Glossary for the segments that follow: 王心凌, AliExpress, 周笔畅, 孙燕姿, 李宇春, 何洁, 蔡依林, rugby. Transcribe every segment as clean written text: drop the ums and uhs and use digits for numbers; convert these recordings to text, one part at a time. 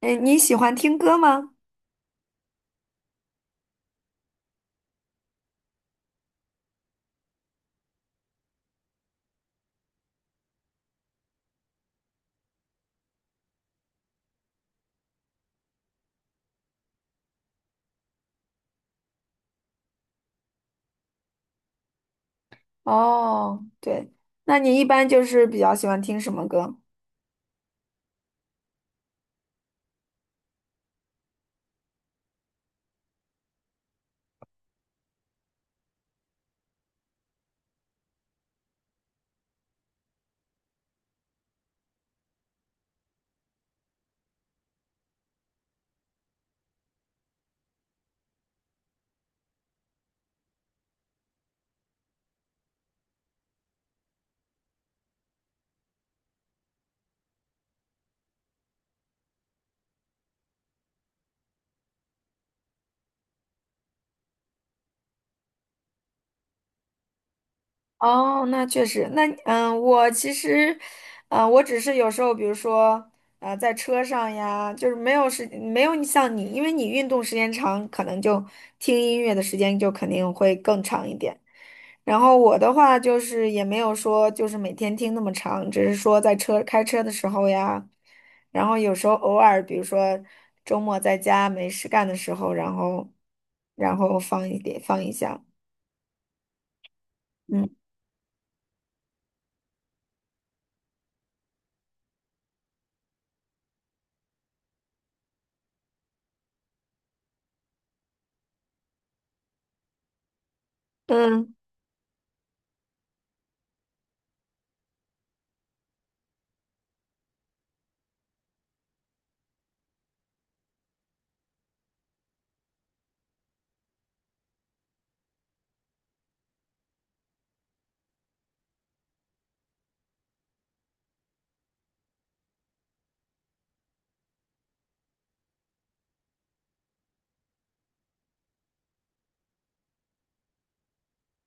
哎，你喜欢听歌吗？哦，对，那你一般就是比较喜欢听什么歌？哦，那确实。那嗯，我其实，嗯，我只是有时候，比如说，在车上呀，就是没有你像你，因为你运动时间长，可能就听音乐的时间就肯定会更长一点。然后我的话就是也没有说就是每天听那么长，只是说在车开车的时候呀，然后有时候偶尔，比如说周末在家没事干的时候，然后放一点放一下。嗯。嗯，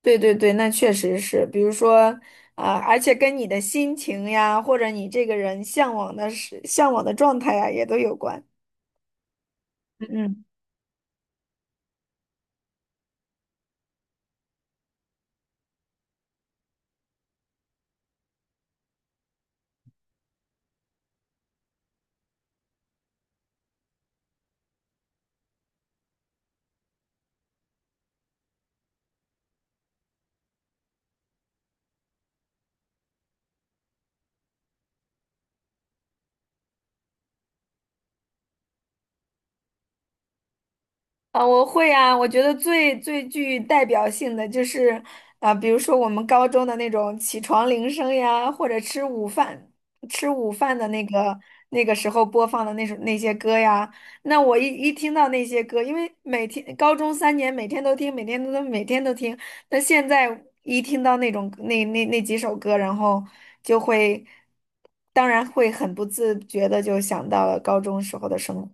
对对对，那确实是。比如说啊，而且跟你的心情呀，或者你这个人向往的状态呀，也都有关。嗯。啊，我会啊，我觉得最最具代表性的就是啊，比如说我们高中的那种起床铃声呀，或者吃午饭的那个那个时候播放的那首那些歌呀。那我一听到那些歌，因为每天高中三年每天都听，每天都听。那现在一听到那种那几首歌，然后就会，当然会很不自觉的就想到了高中时候的生活。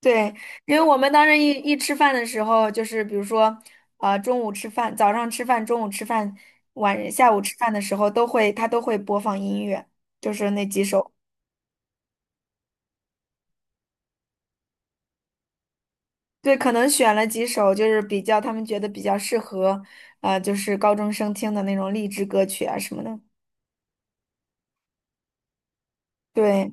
对，因为我们当时一吃饭的时候，就是比如说，呃，中午吃饭、晚下午吃饭的时候，都会他都会播放音乐，就是那几首。对，可能选了几首，就是比较他们觉得比较适合，就是高中生听的那种励志歌曲啊什么的。对，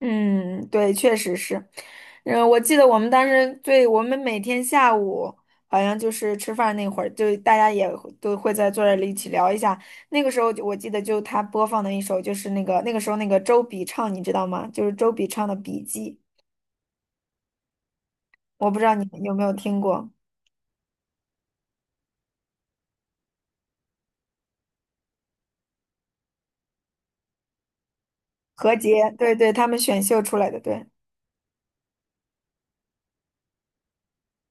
嗯，对，确实是。嗯，我记得我们当时对我们每天下午好像就是吃饭那会儿，就大家也会都会在坐这里一起聊一下。那个时候就我记得就他播放的一首就是那个那个时候那个周笔畅，你知道吗？就是周笔畅的《笔记》，我不知道你们有没有听过。何洁，对对，他们选秀出来的。对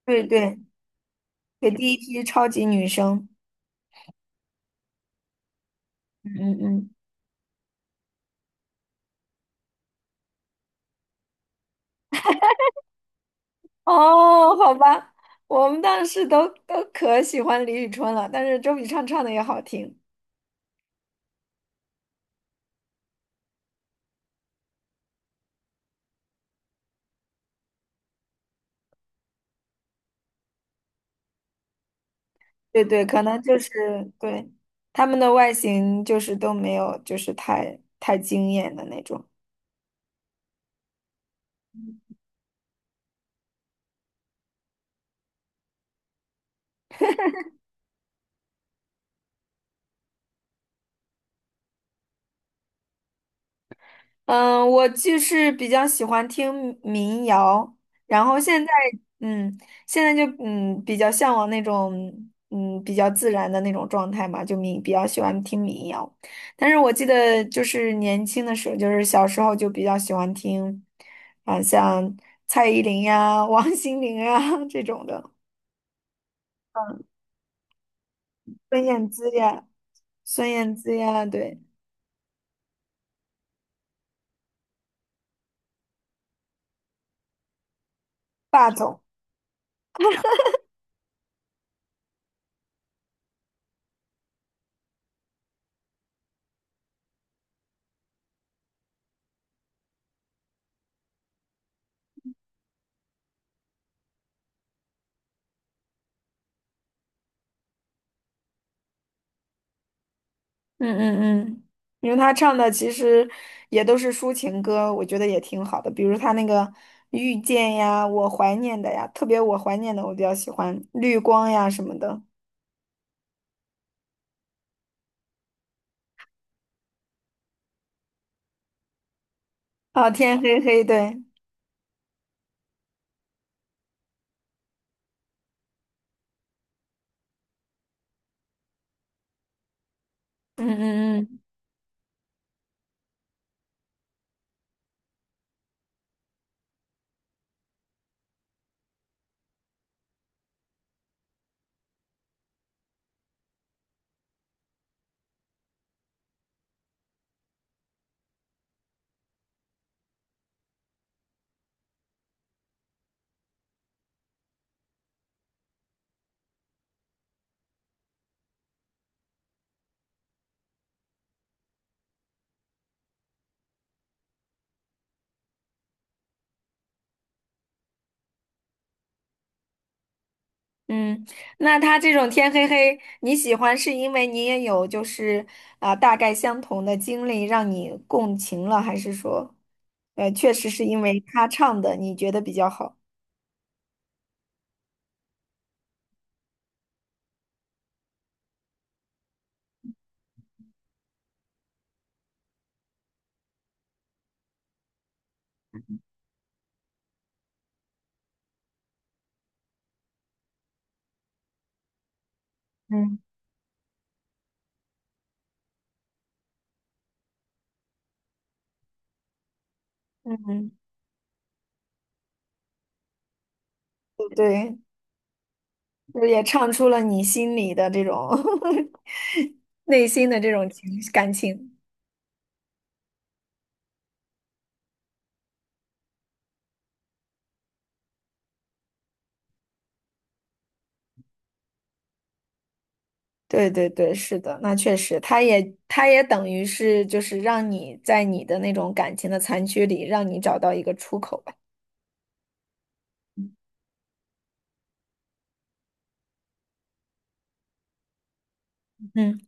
对对对，第一批超级女生。嗯嗯嗯。哦，好吧，我们当时都都可喜欢李宇春了，但是周笔畅唱的也好听。对对，可能就是对，他们的外形就是都没有，就是太太惊艳的那种。嗯，我就是比较喜欢听民谣，然后现在嗯，现在就嗯比较向往那种嗯比较自然的那种状态嘛，就民比较喜欢听民谣。但是我记得就是年轻的时候，就是小时候就比较喜欢听，啊像蔡依林呀、王心凌啊这种的，孙燕姿呀。孙燕姿呀，对，霸总，嗯嗯嗯，因为他唱的其实也都是抒情歌，我觉得也挺好的，比如他那个《遇见》呀，《我怀念的》呀，特别《我怀念的》我比较喜欢，《绿光》呀什么的。哦，天黑黑，对。嗯嗯嗯嗯，那他这种天黑黑，你喜欢是因为你也有就是啊、大概相同的经历让你共情了，还是说，确实是因为他唱的你觉得比较好？嗯嗯。嗯。对，就也唱出了你心里的这种 内心的这种感情。对对对，是的。那确实，他也等于是就是让你在你的那种感情的残缺里，让你找到一个出口吧。嗯，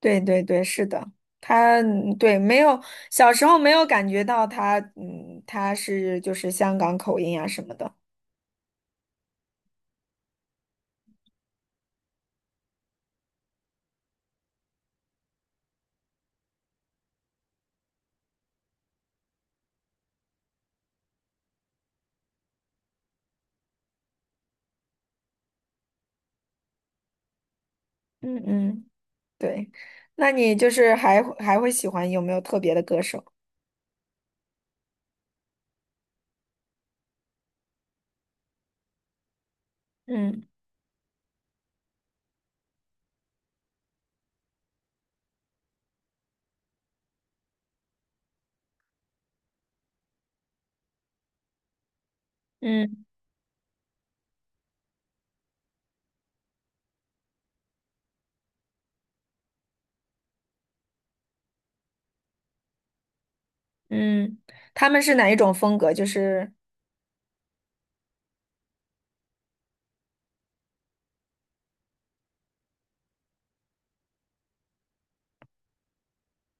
对对对，是的。他嗯对没有小时候没有感觉到他是就是香港口音啊什么的。嗯嗯，对，那你就是还会喜欢有没有特别的歌手？嗯嗯。嗯，他们是哪一种风格？就是，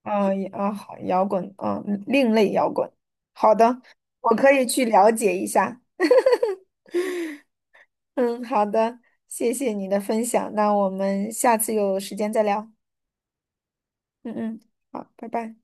嗯，也啊，好，摇滚，嗯，另类摇滚。好的，我可以去了解一下。嗯，好的，谢谢你的分享。那我们下次有时间再聊。嗯嗯，好，拜拜。